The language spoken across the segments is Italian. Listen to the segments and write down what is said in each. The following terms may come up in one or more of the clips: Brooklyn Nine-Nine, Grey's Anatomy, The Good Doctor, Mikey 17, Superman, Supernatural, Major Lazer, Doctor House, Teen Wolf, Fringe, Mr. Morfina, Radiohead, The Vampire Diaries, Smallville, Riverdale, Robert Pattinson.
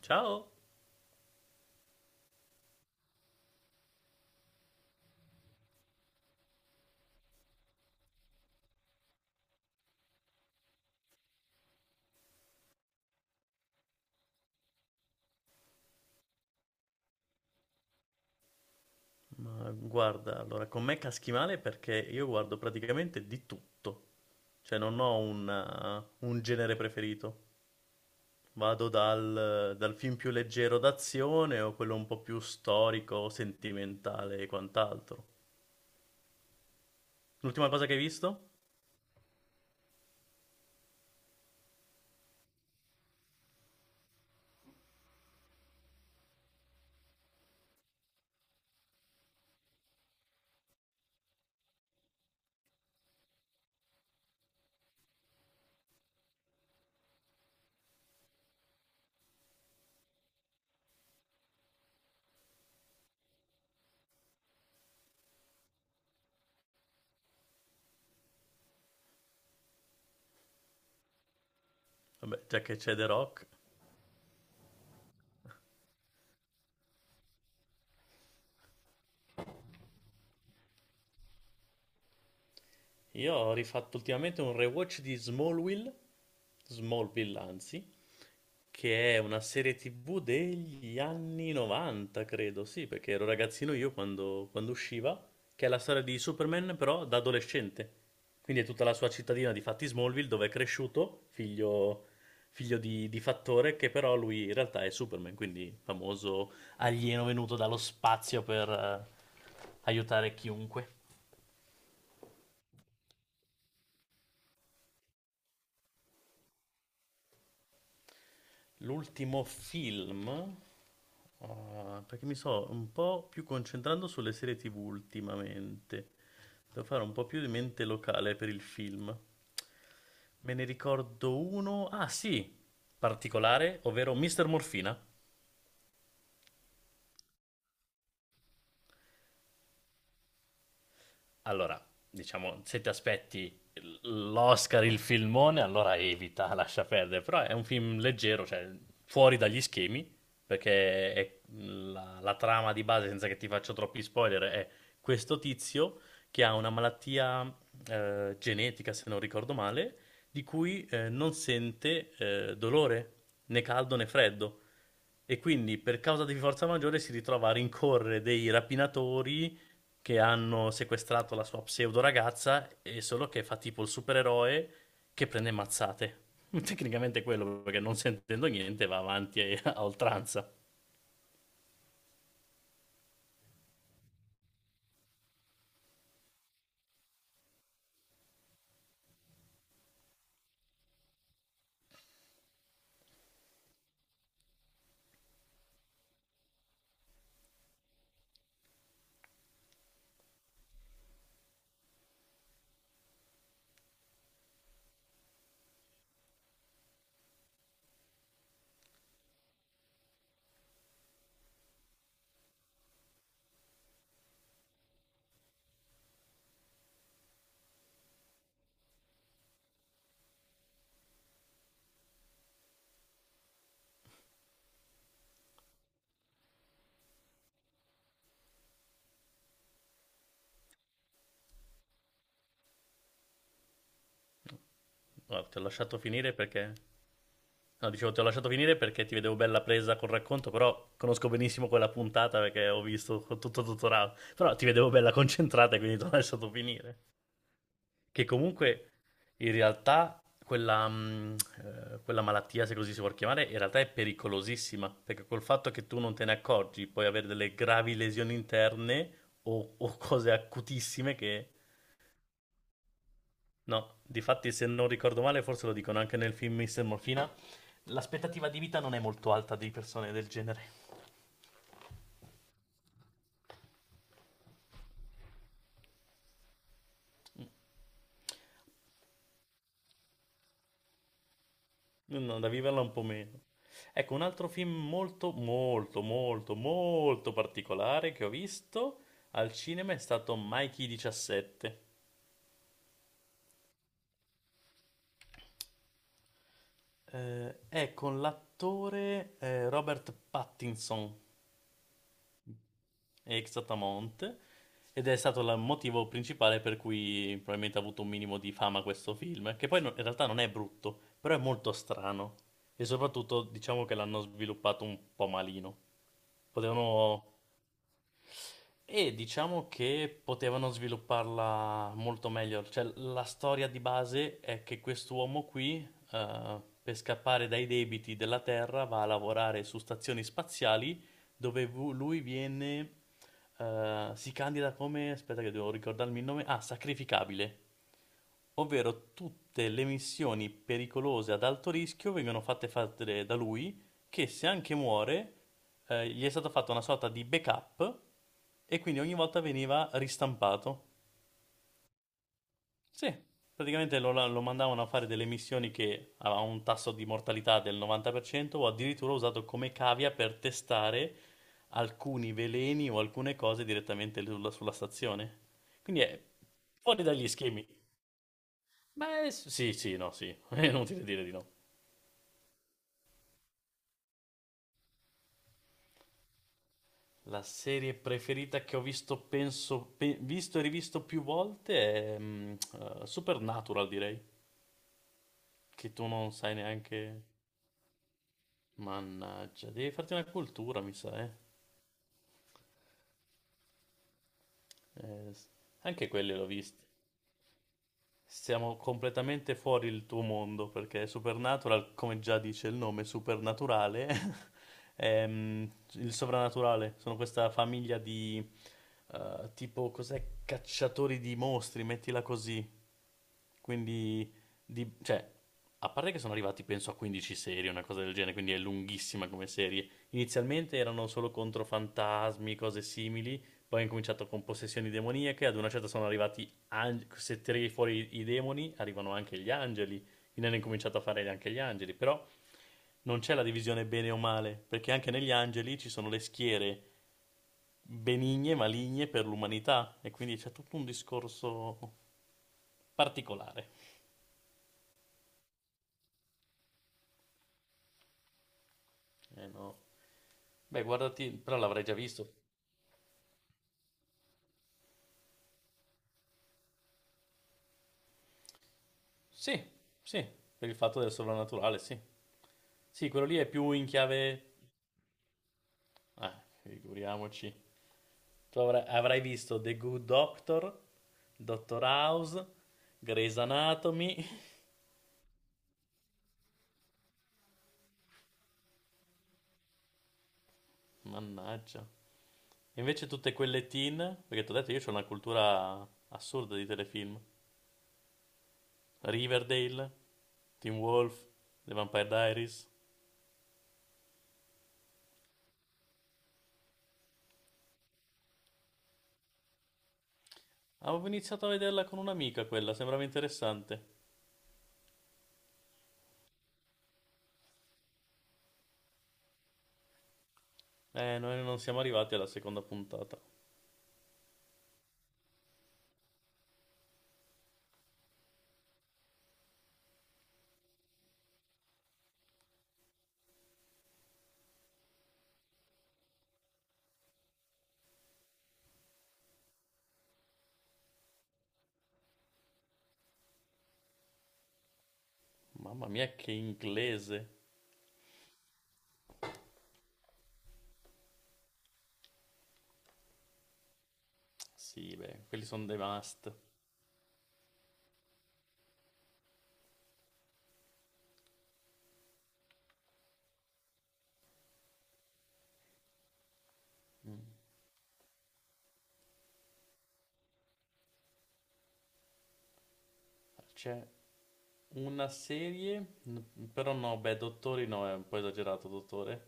Ciao, ma guarda, allora con me caschi male perché io guardo praticamente di tutto, cioè non ho un genere preferito. Vado dal film più leggero d'azione o quello un po' più storico, sentimentale e quant'altro. L'ultima cosa che hai visto? Vabbè, già che c'è The Rock. Io ho rifatto ultimamente un rewatch di Smallville, Smallville anzi, che è una serie TV degli anni 90, credo, sì, perché ero ragazzino io quando usciva, che è la storia di Superman però da adolescente. Quindi è tutta la sua cittadina di fatti Smallville dove è cresciuto, figlio di Fattore, che però lui in realtà è Superman, quindi famoso alieno venuto dallo spazio per aiutare chiunque. L'ultimo film, ah, perché mi sto un po' più concentrando sulle serie TV ultimamente. Devo fare un po' più di mente locale per il film. Me ne ricordo uno, ah sì, particolare, ovvero Mr. Morfina. Allora, diciamo, se ti aspetti l'Oscar, il filmone, allora evita, lascia perdere. Però è un film leggero, cioè fuori dagli schemi, perché è la trama di base, senza che ti faccio troppi spoiler, è questo tizio che ha una malattia genetica, se non ricordo male, di cui non sente dolore, né caldo né freddo. E quindi per causa di forza maggiore si ritrova a rincorrere dei rapinatori che hanno sequestrato la sua pseudo ragazza e solo che fa tipo il supereroe che prende mazzate. Tecnicamente è quello, perché non sentendo niente va avanti a oltranza. Guarda, ti ho lasciato finire perché... No, dicevo, ti ho lasciato finire perché ti vedevo bella presa col racconto, però conosco benissimo quella puntata perché ho visto tutto il tutorial. Però ti vedevo bella concentrata e quindi ti ho lasciato finire. Che comunque in realtà quella malattia, se così si può chiamare, in realtà è pericolosissima, perché col fatto che tu non te ne accorgi puoi avere delle gravi lesioni interne o cose acutissime che... No, difatti se non ricordo male, forse lo dicono anche nel film Mr. Morfina, l'aspettativa di vita non è molto alta di persone del genere. No, no, da viverla un po' meno. Ecco, un altro film molto, molto, molto, molto particolare che ho visto al cinema è stato Mikey 17. È con l'attore Robert Pattinson, ex Atamonte, ed è stato il motivo principale per cui probabilmente ha avuto un minimo di fama questo film, che poi in realtà non è brutto, però è molto strano. E soprattutto diciamo che l'hanno sviluppato un po' malino. Potevano E diciamo che potevano svilupparla molto meglio. Cioè, la storia di base è che quest'uomo qui, per scappare dai debiti della Terra, va a lavorare su stazioni spaziali dove lui viene, si candida come, aspetta che devo ricordarmi il nome, ah, sacrificabile, ovvero tutte le missioni pericolose ad alto rischio vengono fatte fare da lui, che se anche muore, gli è stata fatta una sorta di backup e quindi ogni volta veniva ristampato. Sì, praticamente lo mandavano a fare delle missioni che avevano un tasso di mortalità del 90% o addirittura usato come cavia per testare alcuni veleni o alcune cose direttamente sulla stazione. Quindi è fuori dagli schemi. Beh, sì, sì, no, sì, è inutile dire di no. La serie preferita che ho visto, penso, visto e rivisto più volte è Supernatural, direi. Che tu non sai neanche... Mannaggia, devi farti una cultura, mi sa, eh. Eh, s- anche quelle l'ho viste. Siamo completamente fuori il tuo mondo perché Supernatural, come già dice il nome, supernaturale, è il sovrannaturale. Sono questa famiglia di tipo, cos'è? Cacciatori di mostri, mettila così. Quindi, cioè, a parte che sono arrivati penso a 15 serie, una cosa del genere, quindi è lunghissima come serie. Inizialmente erano solo contro fantasmi, cose simili, poi hanno cominciato con possessioni demoniache, ad una certa sono arrivati, se tiri fuori i demoni, arrivano anche gli angeli, quindi hanno incominciato a fare anche gli angeli, però non c'è la divisione bene o male, perché anche negli angeli ci sono le schiere benigne e maligne per l'umanità, e quindi c'è tutto un discorso particolare. Eh no. Beh, guardati, però l'avrei già visto. Sì, sì, per il fatto del sovrannaturale, sì. Sì, quello lì è più in chiave... Ah, figuriamoci. Tu avrai visto The Good Doctor, Doctor House, Grey's Anatomy. Mannaggia. E invece tutte quelle teen, perché ti ho detto io ho una cultura assurda di telefilm. Riverdale, Teen Wolf, The Vampire Diaries. Avevo iniziato a vederla con un'amica quella, sembrava interessante. Noi non siamo arrivati alla seconda puntata. Mamma mia, che inglese! Sì, beh, quelli sono dei must. C'è una serie, però no, beh, Dottori no, è un po' esagerato, Dottore,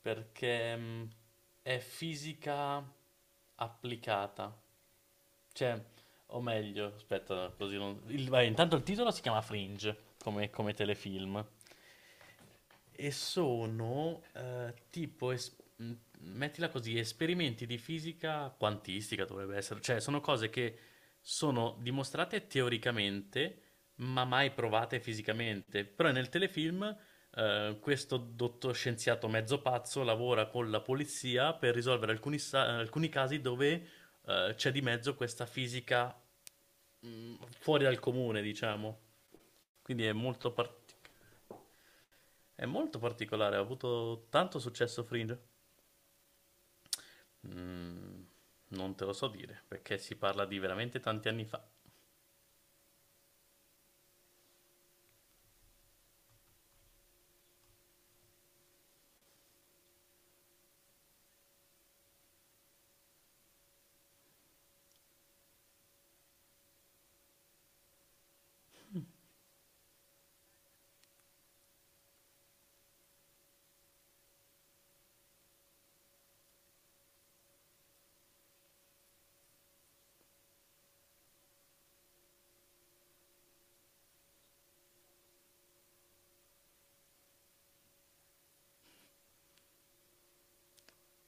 perché è fisica applicata. Cioè, o meglio, aspetta, così non... il- vai, intanto il titolo si chiama Fringe, come telefilm. E sono tipo, mettila così, esperimenti di fisica quantistica dovrebbe essere, cioè sono cose che sono dimostrate teoricamente, ma mai provate fisicamente. Però nel telefilm questo dottor scienziato mezzo pazzo lavora con la polizia per risolvere alcuni casi dove c'è di mezzo questa fisica fuori dal comune, diciamo. Quindi è molto particolare. È molto particolare, ha avuto tanto successo Fringe? Mm, non te lo so dire, perché si parla di veramente tanti anni fa.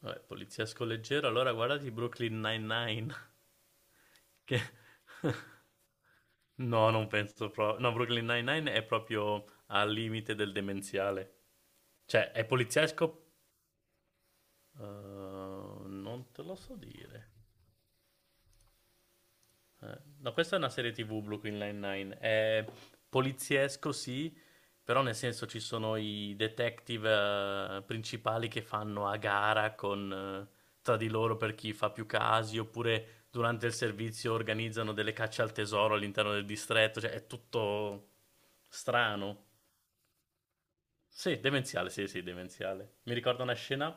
Vabbè, poliziesco leggero, allora guardati Brooklyn Nine-Nine, che... no, non penso proprio... No, Brooklyn Nine-Nine è proprio al limite del demenziale. Cioè, è poliziesco? Non te lo so dire. No, questa è una serie TV Brooklyn Nine-Nine. È poliziesco, sì, però nel senso ci sono i detective principali che fanno a gara con, eh, tra di loro per chi fa più casi, oppure durante il servizio organizzano delle cacce al tesoro all'interno del distretto, cioè è tutto strano. Sì, demenziale, sì, sì, demenziale. Mi ricordo una scena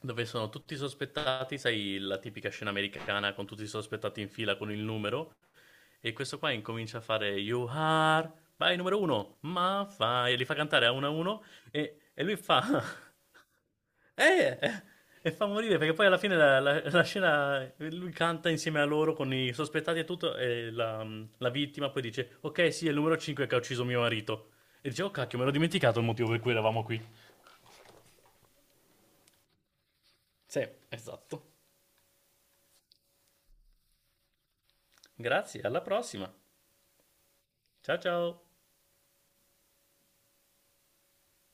dove sono tutti sospettati, sai, la tipica scena americana con tutti i sospettati in fila con il numero e questo qua incomincia a fare You are, vai numero uno, ma fai, e li fa cantare a uno e lui fa, eh, e fa morire perché poi alla fine la, la scena, lui canta insieme a loro con i sospettati e tutto e la vittima poi dice, ok sì è il numero 5 che ha ucciso mio marito. E dice, oh cacchio, me l'ho dimenticato il motivo per cui eravamo qui. Sì, esatto. Grazie, alla prossima. Ciao ciao.